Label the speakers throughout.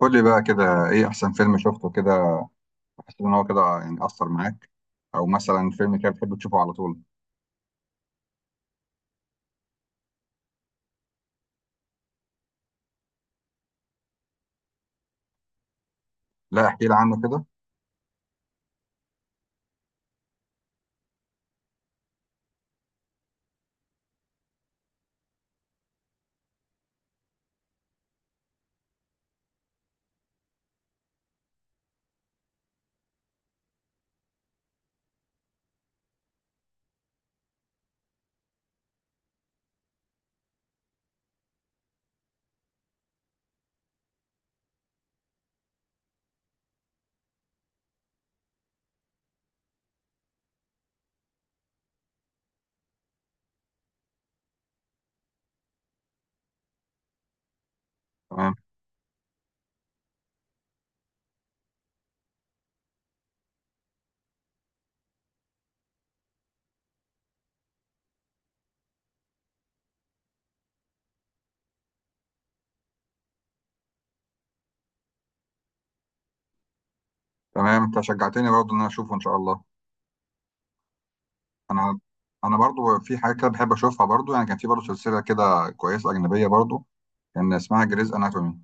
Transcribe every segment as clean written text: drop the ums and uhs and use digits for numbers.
Speaker 1: قول لي بقى كده، ايه احسن فيلم شفته كده؟ تحس ان هو كده يعني اثر معاك، او مثلا فيلم كده بتحب تشوفه على طول؟ لا، احكي لي عنه كده. تمام. تمام، انت شجعتني برضه ان انا اشوفه ان شاء الله. انا انا برضه في حاجه كده بحب اشوفها برضه، يعني كان في برضه سلسله كده كويسه اجنبيه برضه، كان اسمها جريز اناتومي.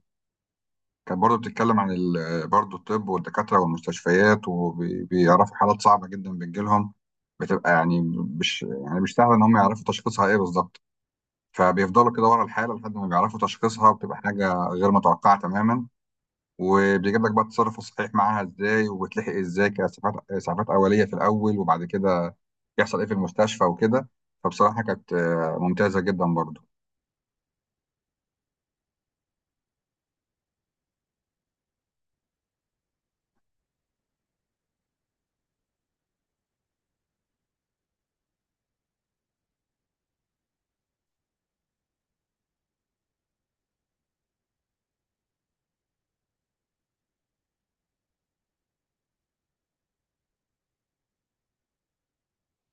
Speaker 1: كانت برضه بتتكلم عن برضه الطب والدكاتره والمستشفيات، وبيعرفوا حالات صعبه جدا بتجيلهم، بتبقى يعني مش يعني مش سهل ان هم يعرفوا تشخيصها ايه بالظبط. فبيفضلوا كده ورا الحالة لحد ما بيعرفوا تشخيصها، بتبقى حاجة غير متوقعة تماما. وبيجيب لك بقى التصرف الصحيح معاها ازاي، وبتلحق ازاي كاسعافات، اسعافات اوليه في الاول، وبعد كده يحصل ايه في المستشفى وكده. فبصراحه كانت ممتازه جدا برضو.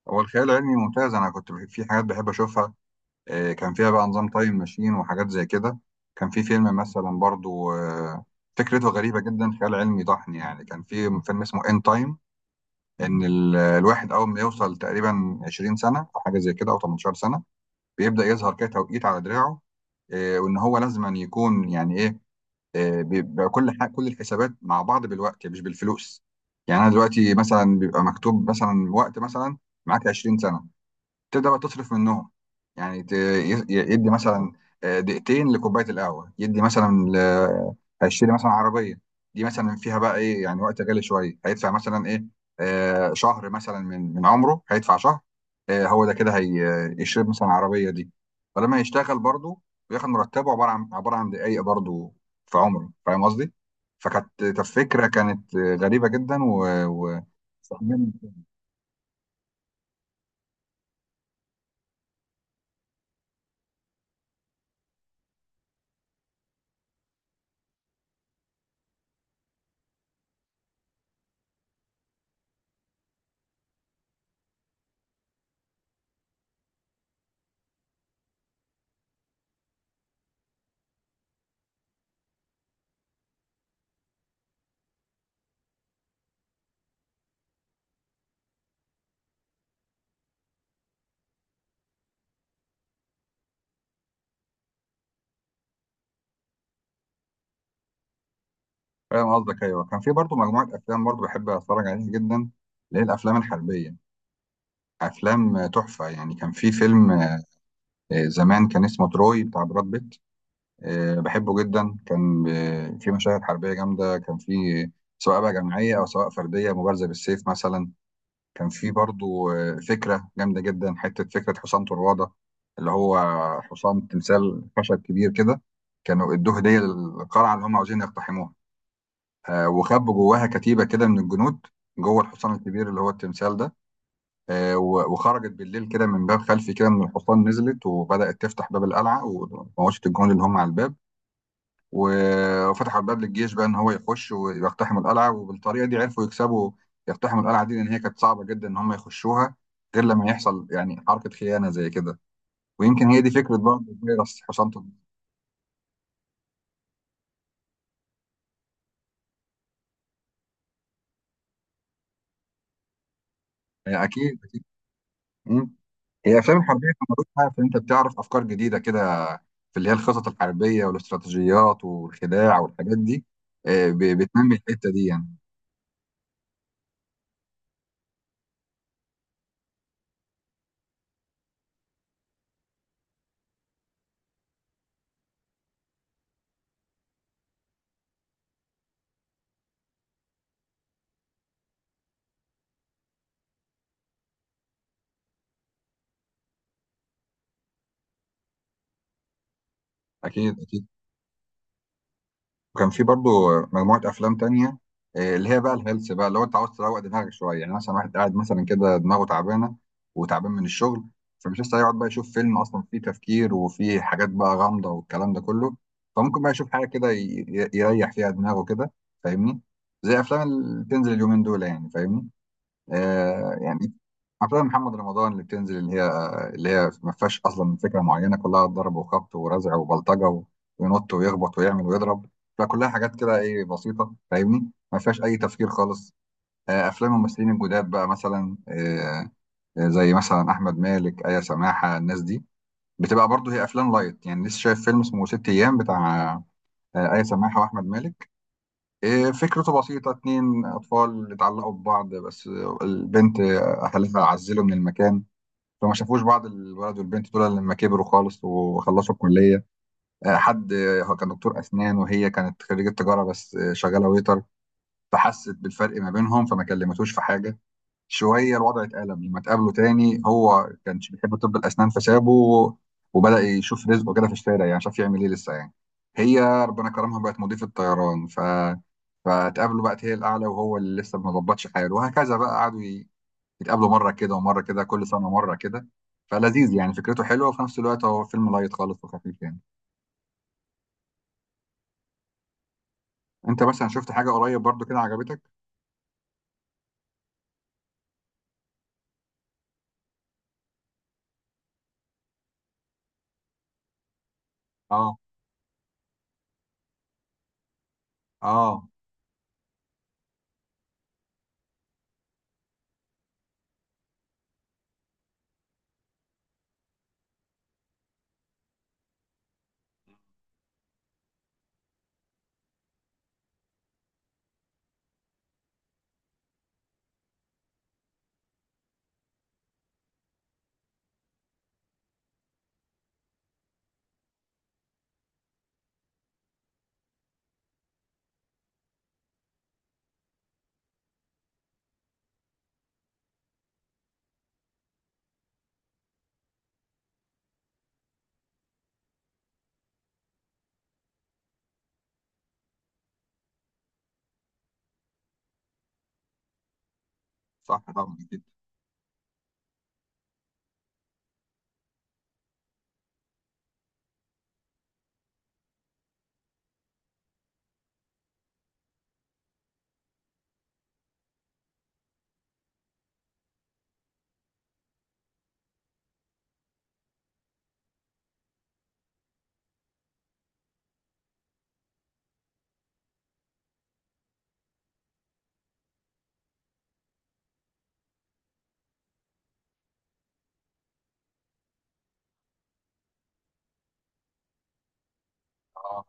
Speaker 1: هو الخيال العلمي ممتاز، انا كنت في حاجات بحب اشوفها. كان فيها بقى نظام تايم ماشين وحاجات زي كده. كان في فيلم مثلا برضو، فكرته غريبه جدا، خيال علمي ضحني يعني، كان في فيلم اسمه ان تايم. ان الواحد اول ما يوصل تقريبا 20 سنه او حاجه زي كده، او 18 سنه، بيبدا يظهر كده توقيت على دراعه. وان هو لازم أن يكون يعني ايه، بيبقى كل حاجه، كل الحسابات مع بعض بالوقت مش بالفلوس. يعني انا دلوقتي مثلا بيبقى مكتوب مثلا وقت، مثلا معاك 20 سنه، تبدا بقى تصرف منهم. يعني يدي مثلا، دقيقتين لكوبايه القهوه، يدي مثلا هيشتري مثلا عربيه، دي مثلا فيها بقى ايه يعني، وقت غالي شويه، هيدفع مثلا ايه، شهر مثلا من عمره، هيدفع شهر. هو ده كده، هيشتري مثلا العربيه دي. فلما يشتغل برضه، بياخد مرتبه عباره عن دقايق برضه في عمره، فاهم قصدي؟ فكانت فكره، كانت غريبه جدا و... فاهم قصدك. ايوه، كان في برضو مجموعه افلام برضو بحب اتفرج عليها جدا، اللي هي الافلام الحربيه. افلام تحفه يعني. كان في فيلم، زمان، كان اسمه تروي، بتاع براد بيت. بحبه جدا، كان في مشاهد حربيه جامده، كان في، سواء بقى جماعيه او سواء فرديه، مبارزه بالسيف مثلا. كان في برضو فكره جامده جدا، حته فكره حصان طروادة، اللي هو حصان تمثال خشب كبير كده، كانوا ادوه هديه للقلعه اللي هم عاوزين يقتحموها. وخبوا جواها كتيبة كده من الجنود، جوه الحصان الكبير اللي هو التمثال ده. وخرجت بالليل كده من باب خلفي كده من الحصان، نزلت وبدأت تفتح باب القلعة، وموشت الجنود اللي هم على الباب، وفتحوا الباب للجيش بقى إن هو يخش ويقتحم القلعة. وبالطريقة دي عرفوا يكسبوا، يقتحموا القلعة دي، لأن هي كانت صعبة جدا إن هم يخشوها غير لما يحصل يعني حركة خيانة زي كده. ويمكن هي دي فكرة برضه فيروس حصان طب. أكيد. مم. هي الافلام الحربيه كان ملوش حاجه في ان انت بتعرف افكار جديده كده، في اللي هي الخطط الحربيه والاستراتيجيات والخداع والحاجات دي، بتنمي الحته دي يعني. اكيد، اكيد. وكان في برضو مجموعة أفلام تانية، اللي هي بقى الهيلث بقى. لو أنت عاوز تروق دماغك شوية، يعني مثلا واحد قاعد مثلا كده دماغه تعبانة، وتعبان من الشغل، فمش لسه هيقعد بقى يشوف فيلم أصلا فيه تفكير، وفيه حاجات بقى غامضة والكلام ده كله. فممكن بقى يشوف حاجة كده يريح فيها دماغه كده، فاهمني؟ زي أفلام اللي بتنزل اليومين دول، يعني فاهمني، يعني افلام محمد رمضان اللي بتنزل، اللي هي ما فيهاش اصلا فكره معينه، كلها ضرب وخبط ورزع وبلطجه، وينط ويخبط ويعمل ويضرب. فكلها حاجات كده ايه، بسيطه فاهمني، ما فيهاش اي تفكير خالص. افلام الممثلين الجداد بقى، مثلا زي مثلا احمد مالك، ايا سماحه، الناس دي بتبقى برضو هي افلام لايت يعني. لسه شايف فيلم اسمه ست ايام، بتاع ايا سماحه واحمد مالك. إيه، فكرته بسيطة، اتنين أطفال اتعلقوا ببعض بس البنت أهلها عزلوا من المكان، فما شافوش بعض الولد والبنت دول إلا لما كبروا خالص وخلصوا الكلية. آه، حد آه، هو كان دكتور أسنان، وهي كانت خريجة تجارة بس شغالة ويتر. فحست بالفرق ما بينهم، فما كلمتوش في حاجة. شويه الوضع اتقلب لما اتقابلوا تاني، هو كانش بيحب طب الاسنان فسابه، وبدا يشوف رزقه كده في الشارع، يعني شاف يعمل ايه لسه يعني. هي ربنا كرمها، بقت مضيفه طيران، فاتقابلوا، بقت هي الاعلى وهو اللي لسه ما ظبطش حاله. وهكذا بقى، قعدوا يتقابلوا مره كده ومره كده، كل سنه مره كده. فلذيذ يعني، فكرته حلوه، وفي نفس الوقت هو فيلم لايت خالص وخفيف يعني. انت مثلا شفت حاجه قريب برضو كده عجبتك؟ اه، اه، صح طبعا، اكيد. آه.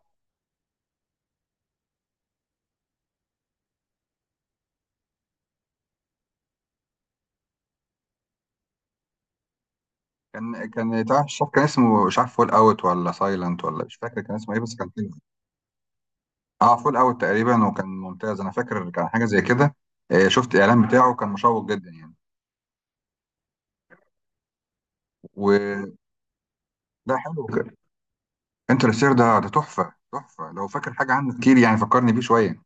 Speaker 1: كان بتاع الشاف، كان اسمه مش عارف فول اوت ولا سايلنت، ولا مش فاكر كان اسمه ايه، بس كان حلو. اه، فول اوت تقريبا، وكان ممتاز، انا فاكر كان حاجه زي كده. شفت الاعلان بتاعه كان مشوق جدا يعني. وده حلو. انترستير ده تحفه، تحفه. لو فاكر حاجه عنه كتير يعني فكرني بيه شويه.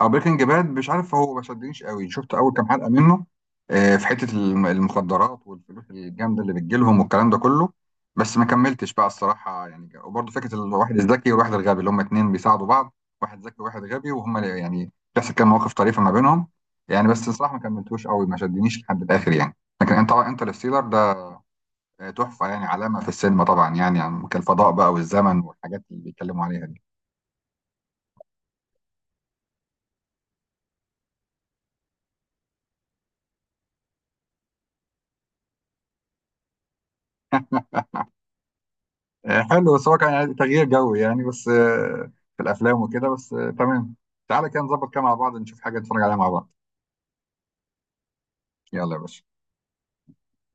Speaker 1: او بريكنج باد، مش عارف هو ما شدنيش قوي، شفت اول كام حلقه منه، في حته المخدرات والفلوس الجامده اللي بتجيلهم والكلام ده كله، بس ما كملتش بقى الصراحه يعني. وبرضه فكره الواحد الذكي والواحد الغبي، اللي هم اتنين بيساعدوا بعض، واحد ذكي وواحد غبي، وهم يعني بتحصل كام مواقف طريفه ما بينهم يعني. بس الصراحه ما كملتوش قوي، ما شدنيش لحد الاخر يعني. لكن انت انترستيلر ده تحفه يعني، علامه في السينما طبعا، يعني, كالفضاء بقى والزمن والحاجات اللي بيتكلموا عليها دي. حلو، بس هو كان يعني تغيير جو يعني، بس في الافلام وكده، بس تمام. تعالى كده نظبط كده مع بعض، نشوف حاجه نتفرج عليها مع بعض. يلا يا باشا.